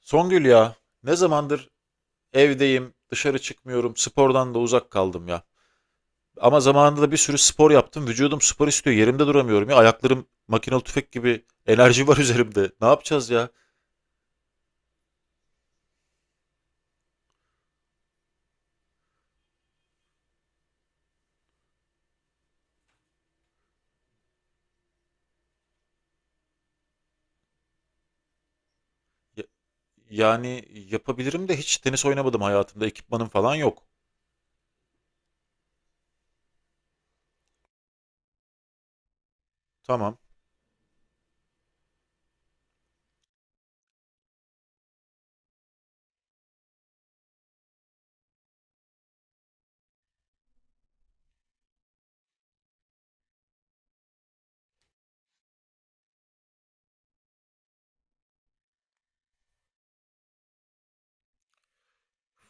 Songül ya, ne zamandır evdeyim, dışarı çıkmıyorum, spordan da uzak kaldım ya. Ama zamanında da bir sürü spor yaptım. Vücudum spor istiyor. Yerimde duramıyorum ya. Ayaklarım makinalı tüfek gibi enerji var üzerimde. Ne yapacağız ya? Ya- Yani yapabilirim de hiç tenis oynamadım hayatımda. Ekipmanım falan yok. Tamam.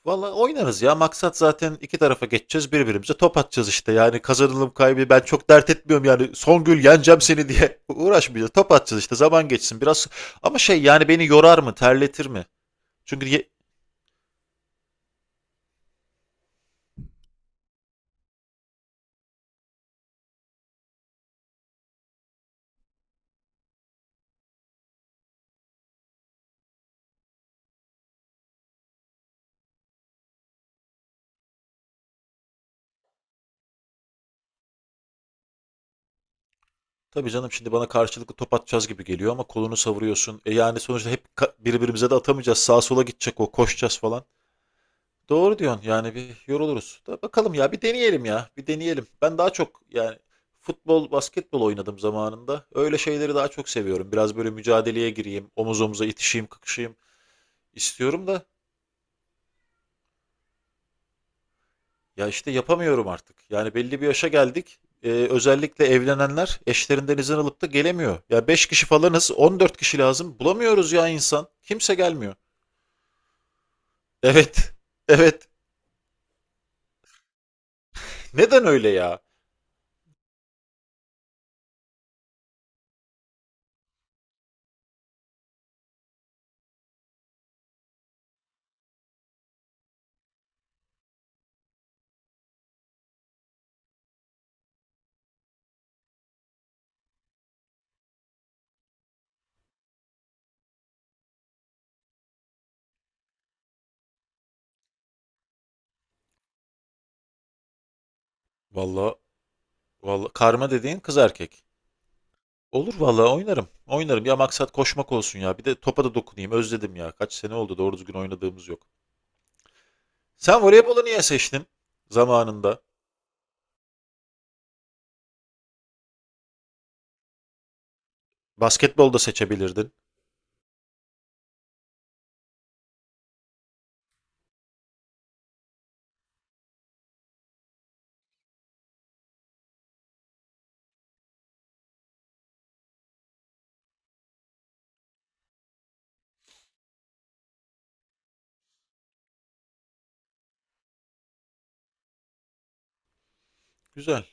Valla oynarız ya. Maksat zaten iki tarafa geçeceğiz. Birbirimize top atacağız işte. Yani kazanılım kaybı ben çok dert etmiyorum yani. Songül yeneceğim seni diye uğraşmayacağız. Top atacağız işte. Zaman geçsin biraz. Ama şey yani beni yorar mı? Terletir mi? Çünkü ye- tabii canım şimdi bana karşılıklı top atacağız gibi geliyor ama kolunu savuruyorsun. E yani sonuçta hep birbirimize de atamayacağız. Sağa sola gidecek o. Koşacağız falan. Doğru diyorsun. Yani bir yoruluruz. Da bakalım ya bir deneyelim ya. Bir deneyelim. Ben daha çok yani futbol, basketbol oynadım zamanında. Öyle şeyleri daha çok seviyorum. Biraz böyle mücadeleye gireyim, omuz omuza itişeyim, kakışayım istiyorum da ya işte yapamıyorum artık. Yani belli bir yaşa geldik. Özellikle evlenenler eşlerinden izin alıp da gelemiyor. Ya 5 kişi falanız, 14 kişi lazım. Bulamıyoruz ya insan. Kimse gelmiyor. Evet. Evet. Neden öyle ya? Vallahi vallahi karma dediğin kız erkek. Olur vallahi oynarım. Oynarım. Ya maksat koşmak olsun ya. Bir de topa da dokunayım. Özledim ya. Kaç sene oldu doğru düzgün oynadığımız yok. Sen voleybolu niye seçtin zamanında? Basketbol da seçebilirdin. Güzel.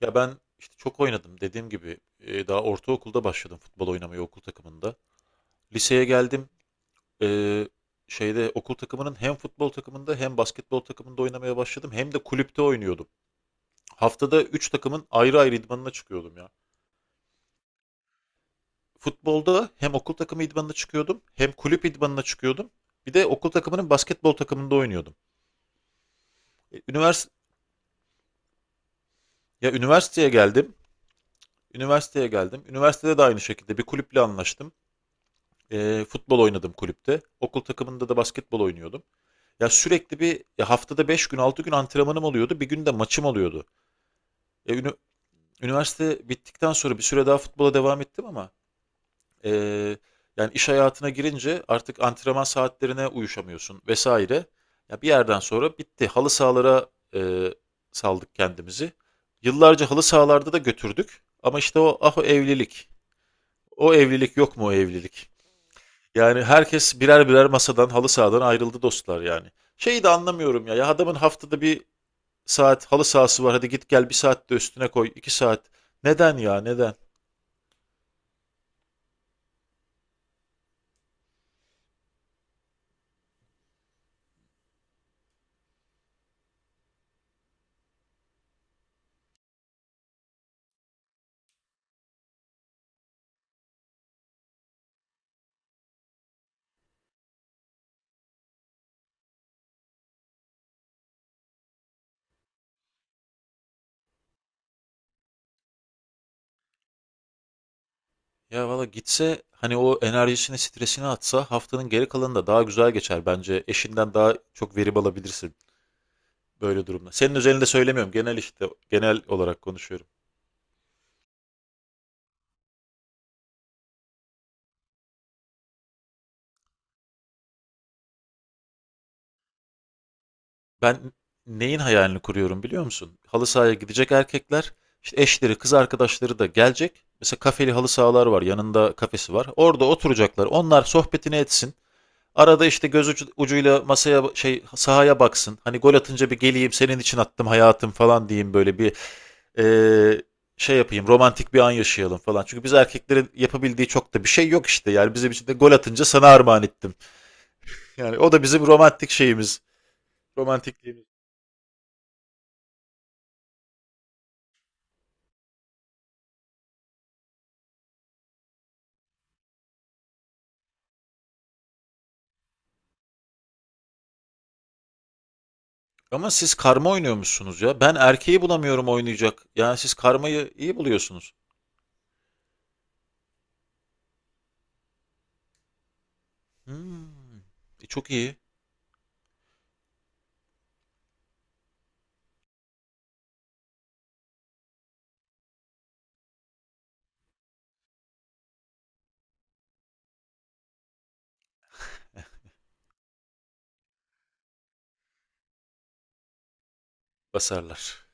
Ya ben işte çok oynadım. Dediğim gibi daha ortaokulda başladım futbol oynamayı okul takımında. Liseye geldim. E, Şeyde okul takımının hem futbol takımında hem basketbol takımında oynamaya başladım. Hem de kulüpte oynuyordum. Haftada 3 takımın ayrı ayrı idmanına çıkıyordum ya. Futbolda hem okul takımı idmanına çıkıyordum hem kulüp idmanına çıkıyordum. Bir de okul takımının basketbol takımında oynuyordum. Ünivers, ya üniversiteye geldim. Üniversitede de aynı şekilde bir kulüple anlaştım. Futbol oynadım kulüpte. Okul takımında da basketbol oynuyordum. Ya sürekli bir ya haftada 5 gün 6 gün antrenmanım oluyordu. Bir gün de maçım oluyordu. E, ünü- Üniversite bittikten sonra bir süre daha futbola devam ettim ama Ee, yani iş hayatına girince artık antrenman saatlerine uyuşamıyorsun vesaire. Ya bir yerden sonra bitti. Halı sahalara e, saldık kendimizi. Yıllarca halı sahalarda da götürdük. Ama işte o ah o evlilik. O evlilik yok mu o evlilik? Yani herkes birer birer masadan halı sahadan ayrıldı dostlar yani. Şeyi de anlamıyorum ya. Ya adamın haftada bir saat halı sahası var. Hadi git gel bir saat de üstüne koy. 2 saat. Neden ya neden? Ya valla gitse hani o enerjisini, stresini atsa haftanın geri kalanı da daha güzel geçer bence. Eşinden daha çok verim alabilirsin böyle durumda. Senin özelinde söylemiyorum. Genel işte genel olarak konuşuyorum. Ben neyin hayalini kuruyorum biliyor musun? Halı sahaya gidecek erkekler, işte eşleri, kız arkadaşları da gelecek. Mesela kafeli halı sahalar var. Yanında kafesi var. Orada oturacaklar. Onlar sohbetini etsin. Arada işte göz ucuyla masaya şey sahaya baksın. Hani gol atınca bir geleyim senin için attım hayatım falan diyeyim böyle bir eee, şey yapayım romantik bir an yaşayalım falan. Çünkü biz erkeklerin yapabildiği çok da bir şey yok işte. Yani bizim için de gol atınca sana armağan ettim. Yani o da bizim romantik şeyimiz. Romantikliğimiz. Ama siz karma oynuyormuşsunuz ya. Ben erkeği bulamıyorum oynayacak. Yani siz karmayı iyi buluyorsunuz. Hmm. Çok iyi basarlar.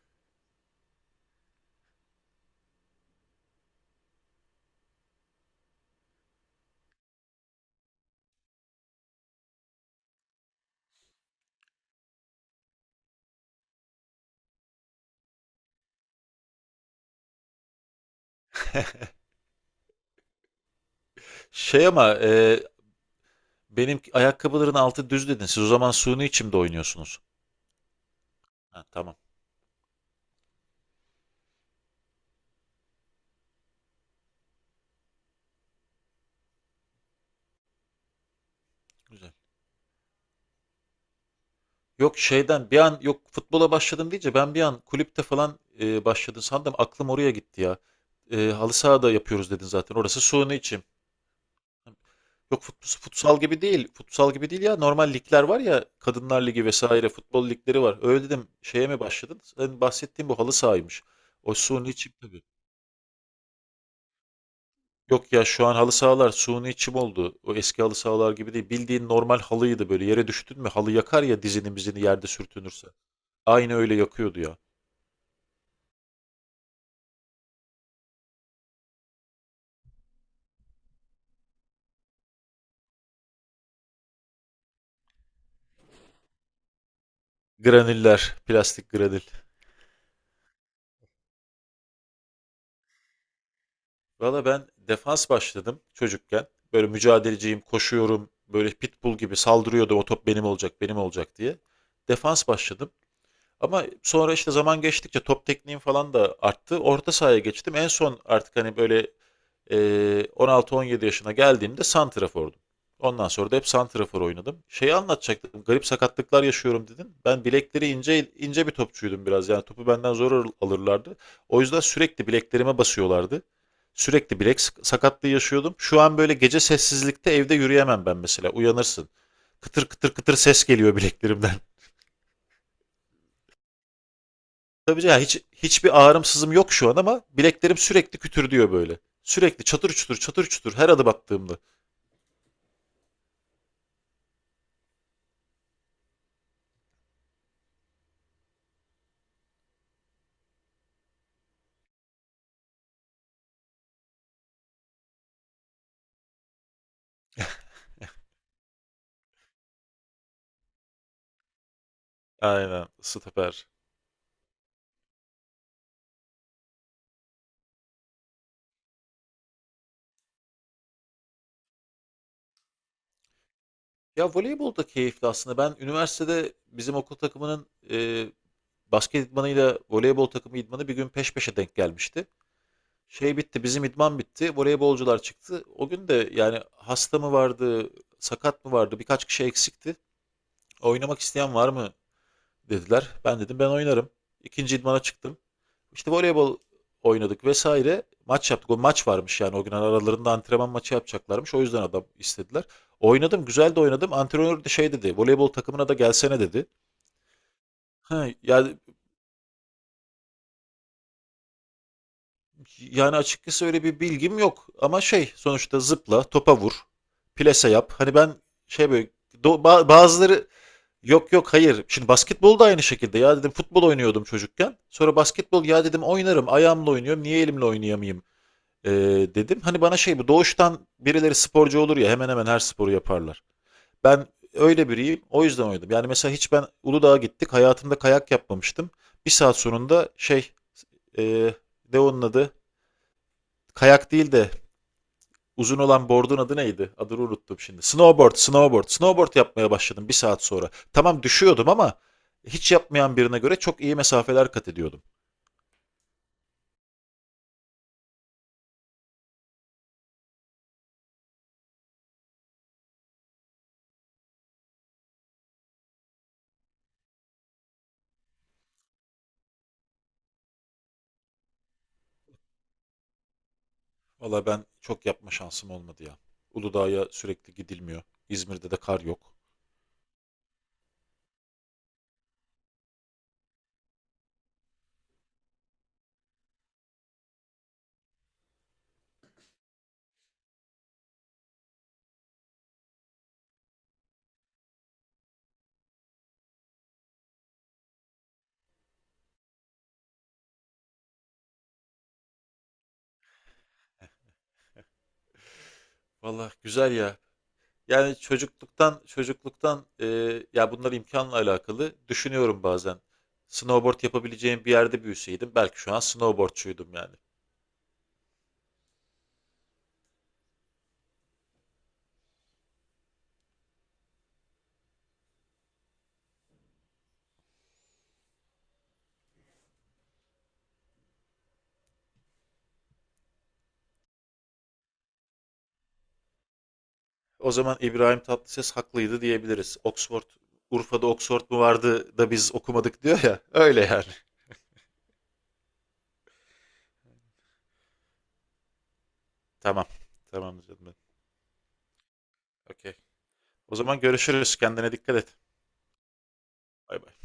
Şey ama benim ayakkabıların altı düz dedin. Siz o zaman suni içimde oynuyorsunuz. Ha, tamam. Güzel. Yok şeyden bir an yok futbola başladım deyince ben bir an kulüpte falan başladın sandım aklım oraya gitti ya. Halı sahada yapıyoruz dedin zaten orası suyunu içim. Yok futsal gibi değil futsal gibi değil ya normal ligler var ya kadınlar ligi vesaire futbol ligleri var. Öyle dedim şeye mi başladın? Senin bahsettiğin bu halı sahaymış. O suyunu içim tabii. Yok ya şu an halı sahalar suyunu içim oldu. O eski halı sahalar gibi değil. Bildiğin normal halıydı böyle yere düştün mü halı yakar ya dizini mizini yerde sürtünürse. Aynı öyle yakıyordu ya. Graniller, plastik granil. Valla ben defans başladım çocukken. Böyle mücadeleciyim, koşuyorum. Böyle pitbull gibi saldırıyordum. O top benim olacak, benim olacak diye. Defans başladım. Ama sonra işte zaman geçtikçe top tekniğim falan da arttı. Orta sahaya geçtim. En son artık hani böyle Ee, 16-17 yaşına geldiğimde santrafordum. Ondan sonra da hep santrafor oynadım. Şeyi anlatacaktım. Garip sakatlıklar yaşıyorum dedin. Ben bilekleri ince ince bir topçuydum biraz. Yani topu benden zor alırlardı. O yüzden sürekli bileklerime basıyorlardı. Sürekli bilek sakatlığı yaşıyordum. Şu an böyle gece sessizlikte evde yürüyemem ben mesela. Uyanırsın. Kıtır kıtır kıtır ses geliyor bileklerimden. Tabii canım hiç hiçbir ağrım sızım yok şu an ama bileklerim sürekli kütür diyor böyle. Sürekli çatır çutur çatır çutur her adım attığımda. Aynen, süper. Ya voleybol da keyifli aslında. Ben üniversitede bizim okul takımının basket idmanıyla voleybol takımı idmanı bir gün peş peşe denk gelmişti. Şey bitti, bizim idman bitti, voleybolcular çıktı. O gün de yani hasta mı vardı, sakat mı vardı, birkaç kişi eksikti. Oynamak isteyen var mı dediler. Ben dedim ben oynarım. İkinci idmana çıktım. İşte voleybol oynadık vesaire. Maç yaptık. O maç varmış yani o gün aralarında antrenman maçı yapacaklarmış. O yüzden adam istediler. Oynadım, güzel de oynadım. Antrenör de şey dedi. Voleybol takımına da gelsene dedi. Ha, yani açıkçası öyle bir bilgim yok ama şey sonuçta zıpla, topa vur, plase yap. Hani ben şey böyle do- ba- bazıları Yok yok hayır. Şimdi basketbol da aynı şekilde. Ya dedim futbol oynuyordum çocukken. Sonra basketbol ya dedim oynarım. Ayağımla oynuyorum. Niye elimle oynayamayayım? Ee, Dedim. Hani bana şey bu doğuştan birileri sporcu olur ya hemen hemen her sporu yaparlar. Ben öyle biriyim. O yüzden oynadım. Yani mesela hiç ben Uludağ'a gittik. Hayatımda kayak yapmamıştım. Bir saat sonunda şey e, ne onun adı? Kayak değil de uzun olan board'un adı neydi? Adını unuttum şimdi. Snowboard yapmaya başladım bir saat sonra. Tamam düşüyordum ama hiç yapmayan birine göre çok iyi mesafeler kat ediyordum. Valla ben çok yapma şansım olmadı ya. Uludağ'a sürekli gidilmiyor. İzmir'de de kar yok. Valla güzel ya. Yani çocukluktan ya bunlar imkanla alakalı düşünüyorum bazen. Snowboard yapabileceğim bir yerde büyüseydim belki şu an snowboardçuydum yani. O zaman İbrahim Tatlıses haklıydı diyebiliriz. Oxford, Urfa'da Oxford mu vardı da biz okumadık diyor ya. Öyle yani. Tamam. Tamam canım benim. Okey. O zaman görüşürüz. Kendine dikkat et. Bay bay.